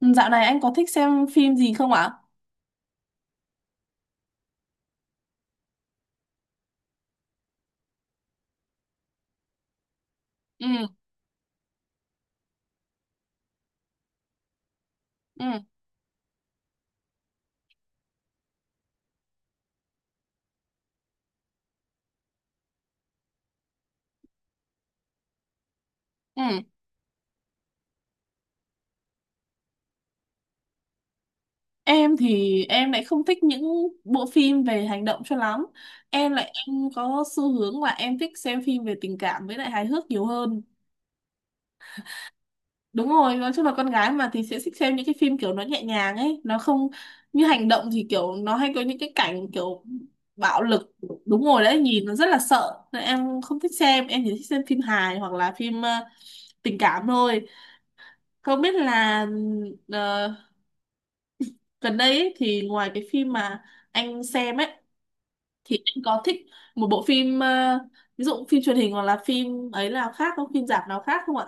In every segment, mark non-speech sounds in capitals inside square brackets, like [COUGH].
Ừ, dạo này anh có thích xem phim gì không ạ? Ừ, ừ, ừ. Em thì em lại không thích những bộ phim về hành động cho lắm. Em lại em có xu hướng là em thích xem phim về tình cảm với lại hài hước nhiều hơn. Đúng rồi, nói chung là con gái mà thì sẽ thích xem những cái phim kiểu nó nhẹ nhàng ấy, nó không như hành động thì kiểu nó hay có những cái cảnh kiểu bạo lực. Đúng rồi đấy, nhìn nó rất là sợ. Nên em không thích xem, em chỉ thích xem phim hài hoặc là phim tình cảm thôi. Không biết là uh, gần đây ấy, thì ngoài cái phim mà anh xem ấy thì anh có thích một bộ phim ví dụ phim truyền hình hoặc là phim ấy nào khác không, phim rạp nào khác không ạ?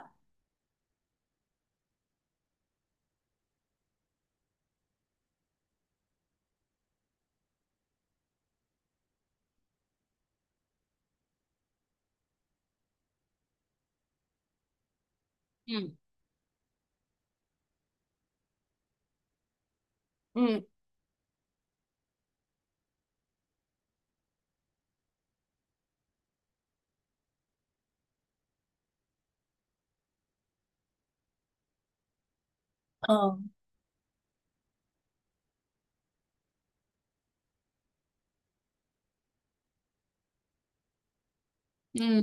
Ừ, ừ. Ờ. Ừ.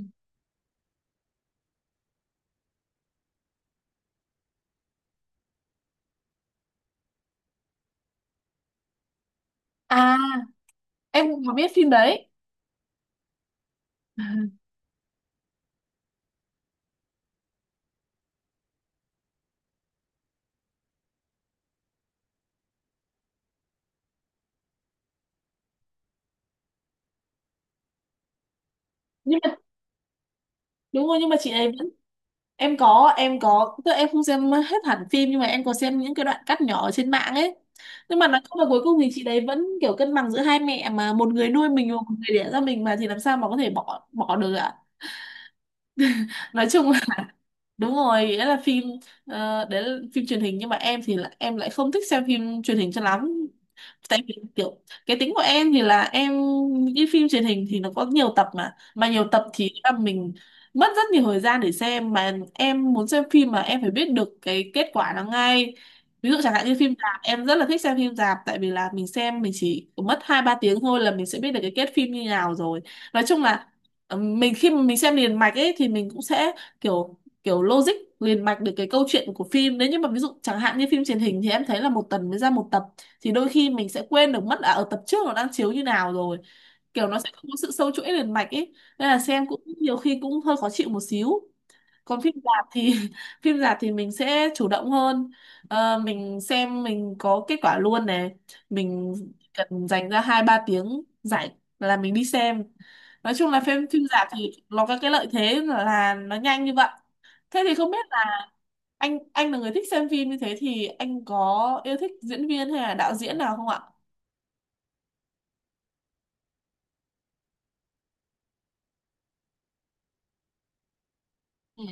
À, em cũng có biết phim đấy. [LAUGHS] Nhưng mà đúng rồi, nhưng mà chị ấy vẫn... Em có, tức là em không xem hết hẳn phim nhưng mà em có xem những cái đoạn cắt nhỏ ở trên mạng ấy. Nhưng mà nói chung là cuối cùng thì chị đấy vẫn kiểu cân bằng giữa hai mẹ, mà một người nuôi mình và một người đẻ ra mình mà thì làm sao mà có thể bỏ bỏ được ạ. Nói chung, đúng rồi, đấy là phim đấy là phim truyền hình nhưng mà em thì là, em lại không thích xem phim truyền hình cho lắm. Tại vì kiểu cái tính của em thì là em... những cái phim truyền hình thì nó có nhiều tập, mà nhiều tập thì là mình mất rất nhiều thời gian để xem, mà em muốn xem phim mà em phải biết được cái kết quả nó ngay. Ví dụ chẳng hạn như phim rạp, em rất là thích xem phim rạp tại vì là mình xem mình chỉ mất hai ba tiếng thôi là mình sẽ biết được cái kết phim như nào rồi. Nói chung là mình khi mà mình xem liền mạch ấy thì mình cũng sẽ kiểu kiểu logic liền mạch được cái câu chuyện của phim. Nếu như mà ví dụ chẳng hạn như phim truyền hình thì em thấy là một tuần mới ra một tập, thì đôi khi mình sẽ quên được mất à, ở tập trước nó đang chiếu như nào rồi, kiểu nó sẽ không có sự sâu chuỗi liền mạch ấy. Nên là xem cũng nhiều khi cũng hơi khó chịu một xíu. Còn phim rạp thì [LAUGHS] phim rạp thì mình sẽ chủ động hơn. Ờ, mình xem mình có kết quả luôn này, mình cần dành ra hai ba tiếng rảnh là mình đi xem. Nói chung là phim, phim rạp thì nó có cái lợi thế là nó nhanh như vậy. Thế thì không biết là anh là người thích xem phim như thế thì anh có yêu thích diễn viên hay là đạo diễn nào không ạ? Ừ.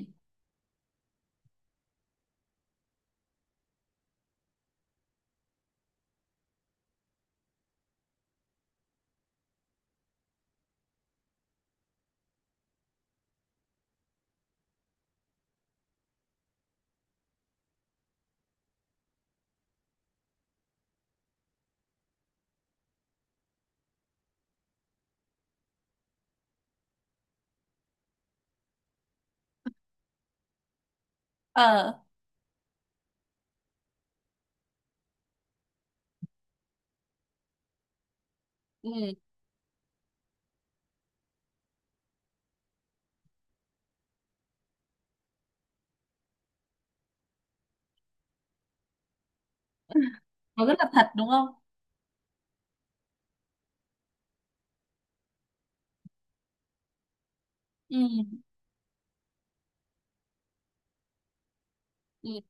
Ờ. Ừ. Nó rất là thật, đúng không? Ừ. Ừ.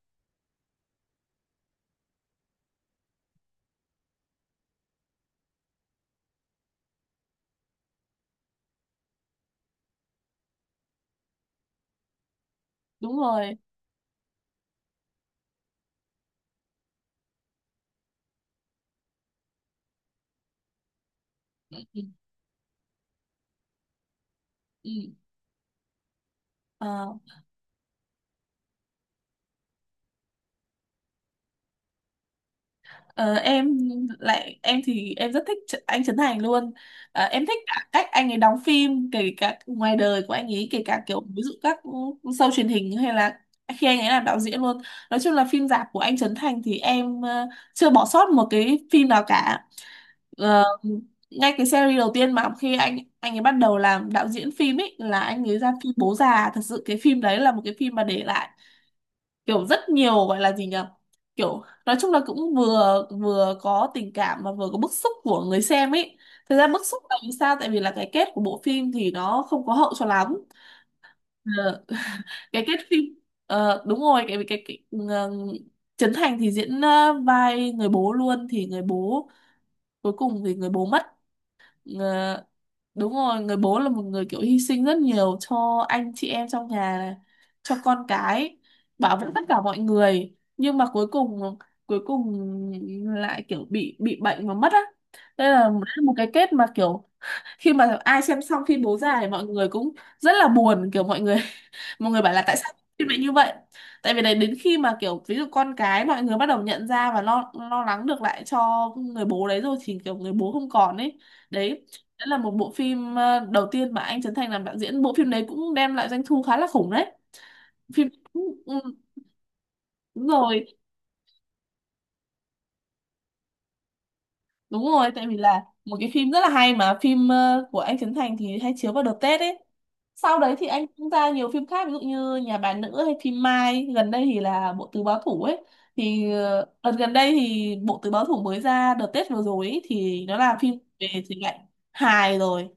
Đúng rồi. Ừ. Ừ. Ừ. Ờ. Ờ, em lại, em thì em rất thích anh Trấn Thành luôn. Ờ, em thích cả cách anh ấy đóng phim, kể cả ngoài đời của anh ấy, kể cả kiểu ví dụ các show truyền hình hay là khi anh ấy làm đạo diễn luôn. Nói chung là phim rạp của anh Trấn Thành thì em chưa bỏ sót một cái phim nào cả. Ờ, ngay cái series đầu tiên mà khi anh ấy bắt đầu làm đạo diễn phim ấy, là anh ấy ra phim Bố Già. Thật sự cái phim đấy là một cái phim mà để lại kiểu rất nhiều, gọi là gì nhỉ, kiểu nói chung là cũng vừa vừa có tình cảm mà vừa có bức xúc của người xem ấy. Thực ra bức xúc là vì sao, tại vì là cái kết của bộ phim thì nó không có hậu cho lắm. Ờ, [LAUGHS] cái kết phim, đúng rồi, cái Trấn Thành thì diễn vai người bố luôn, thì người bố cuối cùng thì người bố mất. Ờ, đúng rồi, người bố là một người kiểu hy sinh rất nhiều cho anh chị em trong nhà này, cho con cái, bảo vệ tất cả mọi người nhưng mà cuối cùng lại kiểu bị bệnh và mất á. Đây là một một cái kết mà kiểu khi mà ai xem xong phim Bố Già thì mọi người cũng rất là buồn, kiểu mọi người bảo là tại sao phim lại như vậy. Tại vì đấy, đến khi mà kiểu ví dụ con cái mọi người bắt đầu nhận ra và lo lo lắng được lại cho người bố đấy rồi thì kiểu người bố không còn ấy. Đấy, đấy là một bộ phim đầu tiên mà anh Trấn Thành làm đạo diễn. Bộ phim đấy cũng đem lại doanh thu khá là khủng đấy. Phim... ừ, đúng rồi. Đúng rồi, tại vì là một cái phim rất là hay, mà phim của anh Trấn Thành thì hay chiếu vào đợt Tết ấy. Sau đấy thì anh cũng ra nhiều phim khác ví dụ như Nhà Bà Nữ hay phim Mai, gần đây thì là Bộ Tứ Báo Thủ ấy. Thì đợt gần đây thì Bộ Tứ Báo Thủ mới ra đợt Tết vừa rồi ấy, thì nó là phim về thể loại hài rồi.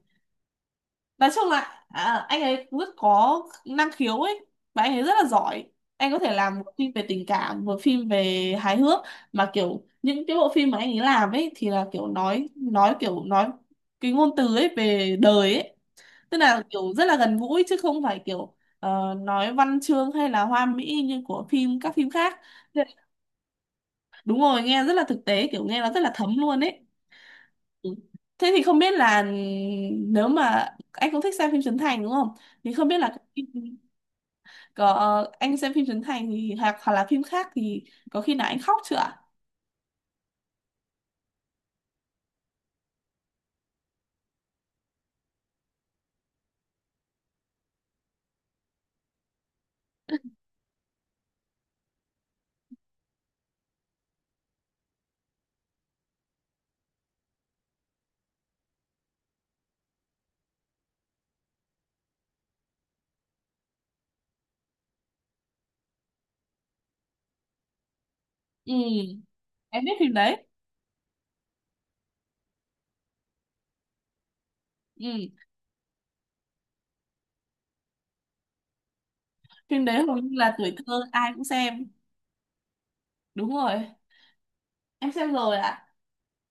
Nói chung là à, anh ấy rất có năng khiếu ấy, và anh ấy rất là giỏi. Anh có thể làm một phim về tình cảm, một phim về hài hước, mà kiểu những cái bộ phim mà anh ấy làm ấy thì là kiểu nói kiểu nói cái ngôn từ ấy về đời ấy. Tức là kiểu rất là gần gũi chứ không phải kiểu nói văn chương hay là hoa mỹ như của phim, các phim khác. Thế- đúng rồi, nghe rất là thực tế, kiểu nghe nó rất là thấm luôn ấy. Ừ. Thế thì không biết là, nếu mà anh cũng thích xem phim Trấn Thành đúng không? Thì không biết là có, anh xem phim Trấn Thành thì hoặc là phim khác thì có khi nào anh khóc chưa ạ? Ừ, em biết phim đấy. Ừ, phim đấy hầu như là tuổi thơ ai cũng xem. Đúng rồi, em xem rồi ạ.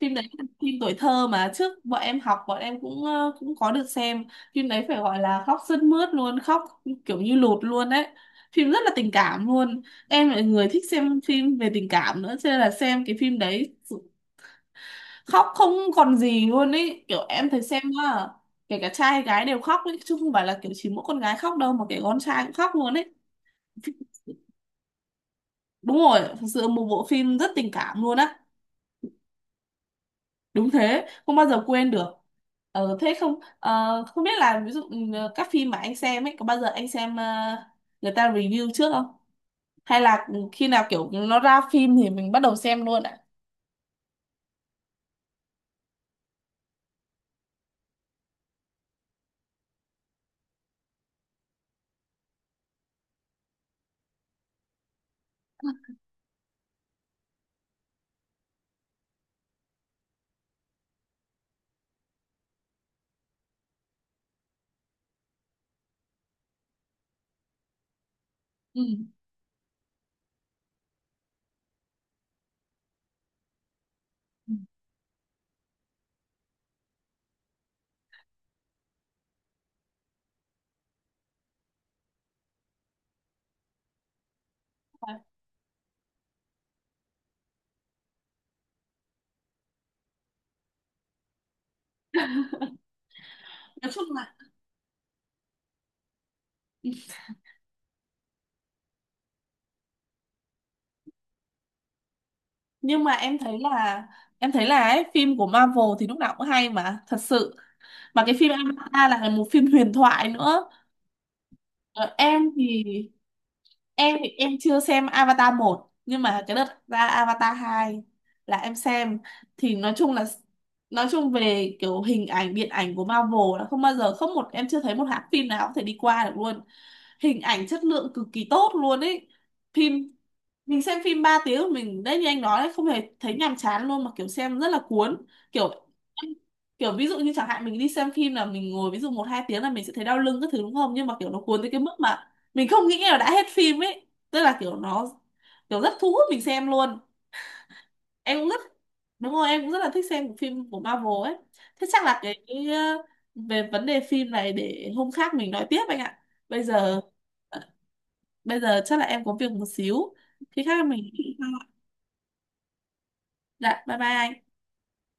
Phim đấy là phim tuổi thơ mà trước bọn em học, bọn em cũng cũng có được xem. Phim đấy phải gọi là khóc sướt mướt luôn, khóc kiểu như lụt luôn đấy. Phim rất là tình cảm luôn. Em là người thích xem phim về tình cảm nữa cho nên là xem cái phim đấy khóc không còn gì luôn ấy, kiểu em thấy xem á, kể cả trai hay gái đều khóc ấy chứ không phải là kiểu chỉ mỗi con gái khóc đâu, mà kể con trai cũng khóc luôn ấy. Đúng rồi, thực sự một bộ phim rất tình cảm luôn á. Đúng thế, không bao giờ quên được. Ờ thế không, không biết là ví dụ ừ, các phim mà anh xem ấy, có bao giờ anh xem người ta review trước không, hay là ừ, khi nào kiểu nó ra phim thì mình bắt đầu xem luôn ạ? Ừ. Ừ. [LAUGHS] Nói chung là ừ, nhưng mà em thấy là, em thấy là ấy, phim của Marvel thì lúc nào cũng hay, mà thật sự mà cái phim Avatar là một phim huyền thoại nữa. Ờ, em thì em chưa xem Avatar 1, nhưng mà cái đợt ra Avatar 2 là em xem. Thì nói chung là, nói chung về kiểu hình ảnh điện ảnh của Marvel là không bao giờ không, một em chưa thấy một hãng phim nào có thể đi qua được luôn. Hình ảnh chất lượng cực kỳ tốt luôn ấy. Phim mình xem phim 3 tiếng của mình đấy, như anh nói đấy, không hề thấy nhàm chán luôn mà kiểu xem rất là cuốn. Kiểu, kiểu ví dụ như chẳng hạn mình đi xem phim là mình ngồi ví dụ một hai tiếng là mình sẽ thấy đau lưng các thứ đúng không, nhưng mà kiểu nó cuốn tới cái mức mà mình không nghĩ là đã hết phim ấy. Tức là kiểu nó kiểu rất thu hút mình xem luôn. Em cũng rất... đúng rồi, em cũng rất là thích xem phim của Marvel ấy. Thế chắc là cái về vấn đề phim này để hôm khác mình nói tiếp anh ạ. Bây giờ ờ, bây giờ chắc là em có việc một xíu, khi khác mình... Dạ, bye bye anh.